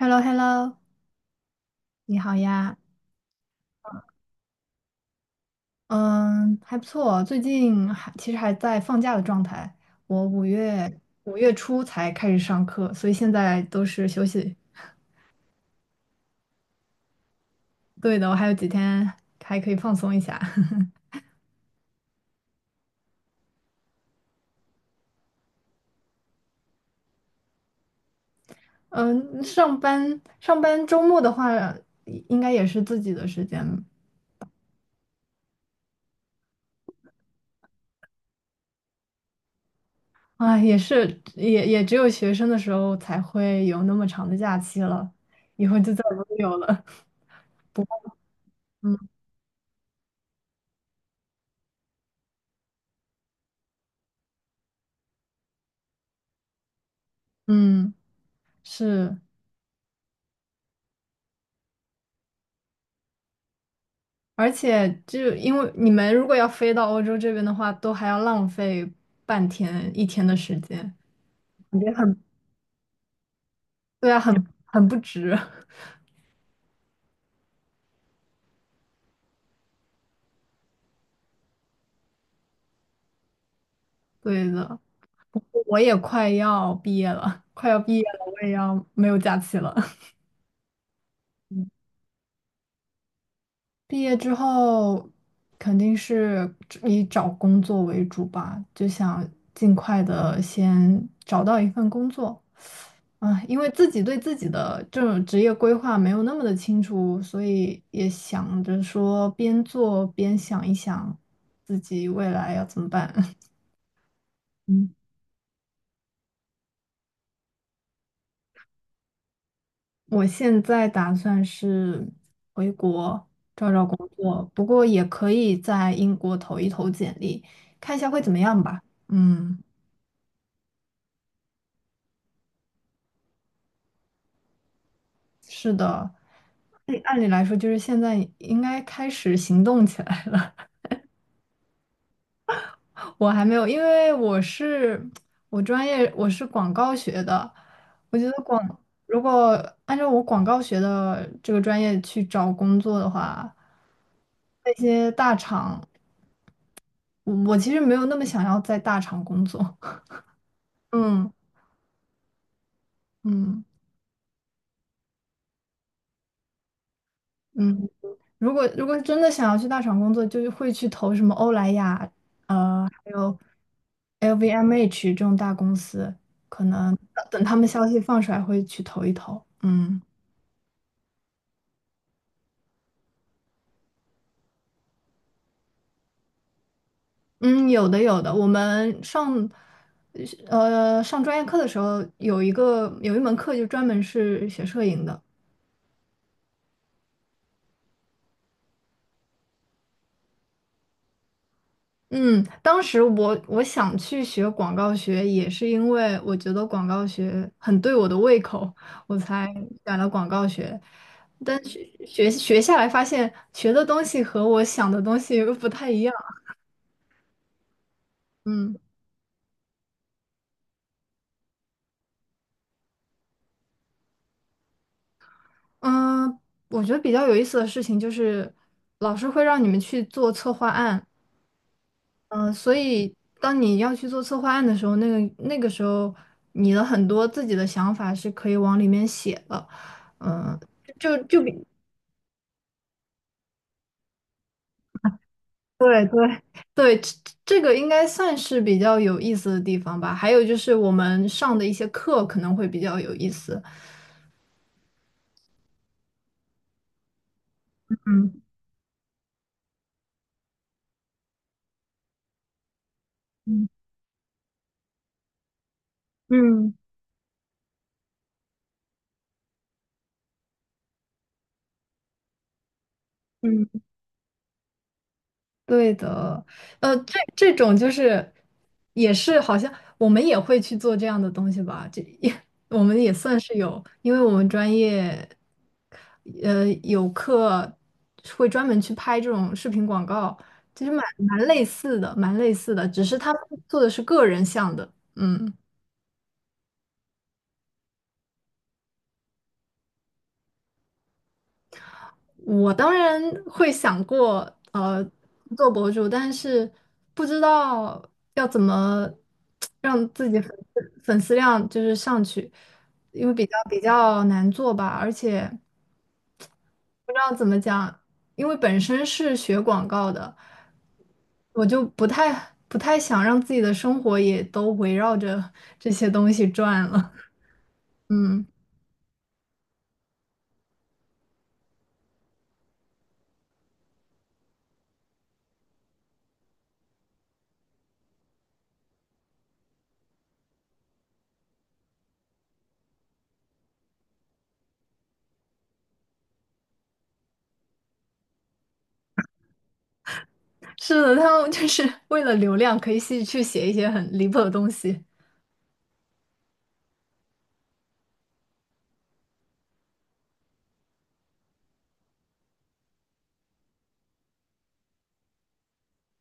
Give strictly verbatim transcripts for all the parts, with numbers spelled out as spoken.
h e l l o h e l l o 你好呀，嗯，还不错，最近还其实还在放假的状态，我五月五月初才开始上课，所以现在都是休息。对的，我还有几天还可以放松一下。嗯，上班上班周末的话，应该也是自己的时间啊，也是也也只有学生的时候才会有那么长的假期了，以后就再也没有了。嗯，是。而且就因为你们如果要飞到欧洲这边的话，都还要浪费半天一天的时间，感觉很，对啊，很很不值。对的，不过我也快要毕业了，快要毕业了，我也要没有假期了。毕业之后肯定是以找工作为主吧，就想尽快的先找到一份工作。啊，因为自己对自己的这种职业规划没有那么的清楚，所以也想着说边做边想一想自己未来要怎么办。嗯，我现在打算是回国找找工作，不过也可以在英国投一投简历，看一下会怎么样吧。嗯。是的，哎按按理来说，就是现在应该开始行动起来了。我还没有，因为我是我专业我是广告学的，我觉得广如果按照我广告学的这个专业去找工作的话，那些大厂，我我其实没有那么想要在大厂工作。嗯嗯嗯。如果如果真的想要去大厂工作，就会去投什么欧莱雅，呃，还有 L V M H 这种大公司。呃等他们消息放出来，会去投一投。嗯嗯，有的有的。我们上呃上专业课的时候，有一个有一门课就专门是学摄影的，嗯，当时我我想去学广告学，也是因为我觉得广告学很对我的胃口，我才选了广告学。但学学学下来，发现学的东西和我想的东西又不太一样。嗯嗯。我觉得比较有意思的事情就是，老师会让你们去做策划案。嗯，所以当你要去做策划案的时候，那个那个时候，你的很多自己的想法是可以往里面写的。嗯，就就比对对对，这这个应该算是比较有意思的地方吧。还有就是我们上的一些课可能会比较有意思。嗯嗯嗯嗯。对的，呃，这这种就是也是好像我们也会去做这样的东西吧，这也 我们也算是有，因为我们专业呃有课会专门去拍这种视频广告，其实蛮蛮类似的，蛮类似的，只是他们做的是个人像的，嗯。我当然会想过，呃，做博主，但是不知道要怎么让自己粉丝粉丝量就是上去，因为比较比较难做吧，而且不知道怎么讲，因为本身是学广告的，我就不太不太想让自己的生活也都围绕着这些东西转了。嗯，是的，他们就是为了流量可以去去写一些很离谱的东西。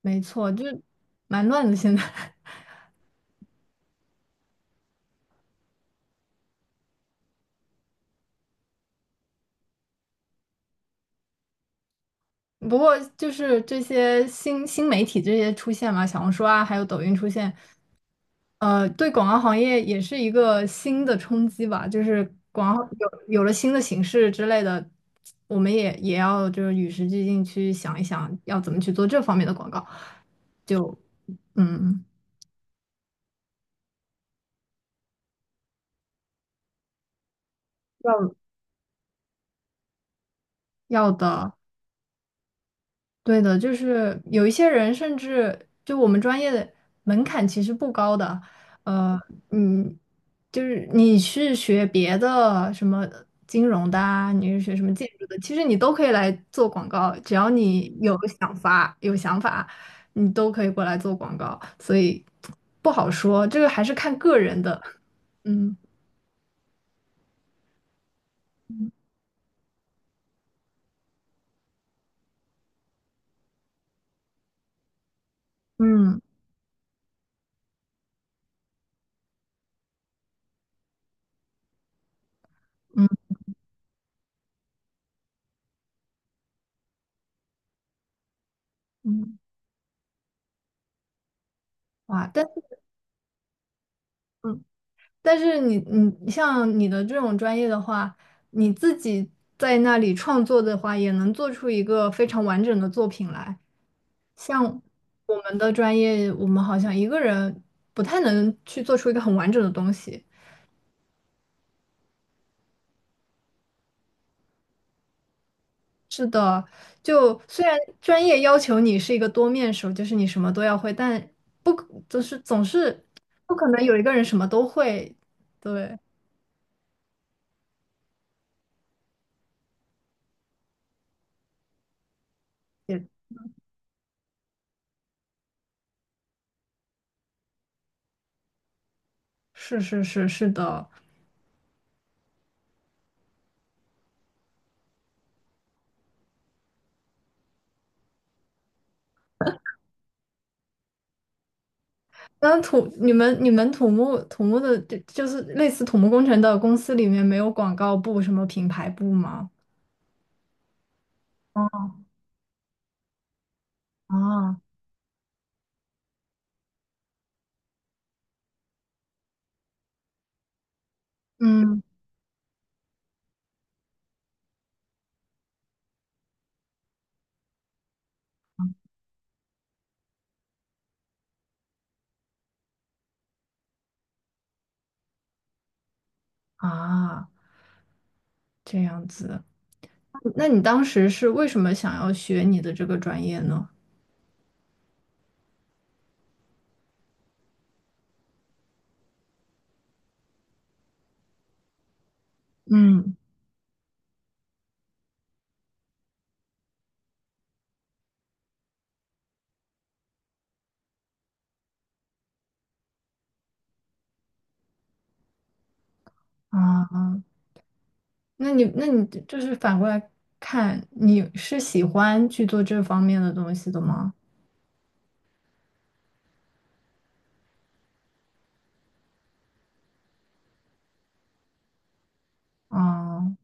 没错，就是蛮乱的现在。不过就是这些新新媒体这些出现嘛，小红书啊，还有抖音出现，呃，对广告行业也是一个新的冲击吧。就是广告有有了新的形式之类的，我们也也要就是与时俱进去想一想，要怎么去做这方面的广告，就嗯要要的。对的，就是有一些人，甚至就我们专业的门槛其实不高的，呃，嗯，就是你是学别的什么金融的啊，你是学什么建筑的，其实你都可以来做广告，只要你有想法、有想法，你都可以过来做广告，所以不好说，这个还是看个人的，嗯嗯嗯嗯，哇，但。但是你你像你的这种专业的话，你自己在那里创作的话，也能做出一个非常完整的作品来。像我们的专业，我们好像一个人不太能去做出一个很完整的东西。是的，就虽然专业要求你是一个多面手，就是你什么都要会，但不可就是总是不可能有一个人什么都会。对，也是是是是的。那土你们你们土木土木的就就是类似土木工程的公司里面没有广告部什么品牌部吗？啊，嗯啊，这样子。那你当时是为什么想要学你的这个专业呢？嗯啊，那你那你就是反过来看，你是喜欢去做这方面的东西的吗？啊，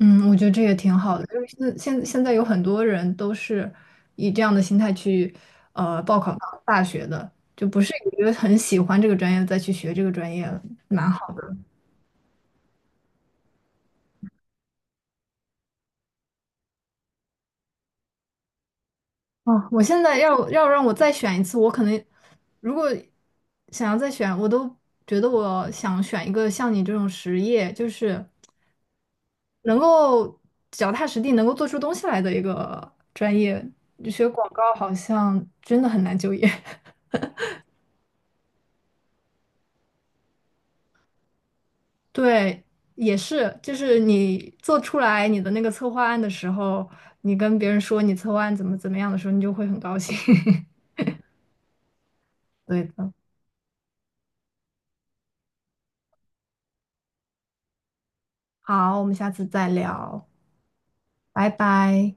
嗯，我觉得这也挺好的，就是现现现在有很多人都是以这样的心态去呃报考大大学的，就不是因为很喜欢这个专业再去学这个专业了蛮好啊，哦我现在要要让我再选一次，我可能如果想要再选，我都觉得我想选一个像你这种实业，就是能够脚踏实地，能够做出东西来的一个专业。学广告好像真的很难就业。对，也是，就是你做出来你的那个策划案的时候，你跟别人说你策划案怎么怎么样的时候，你就会很高兴。对的，好，我们下次再聊，拜拜。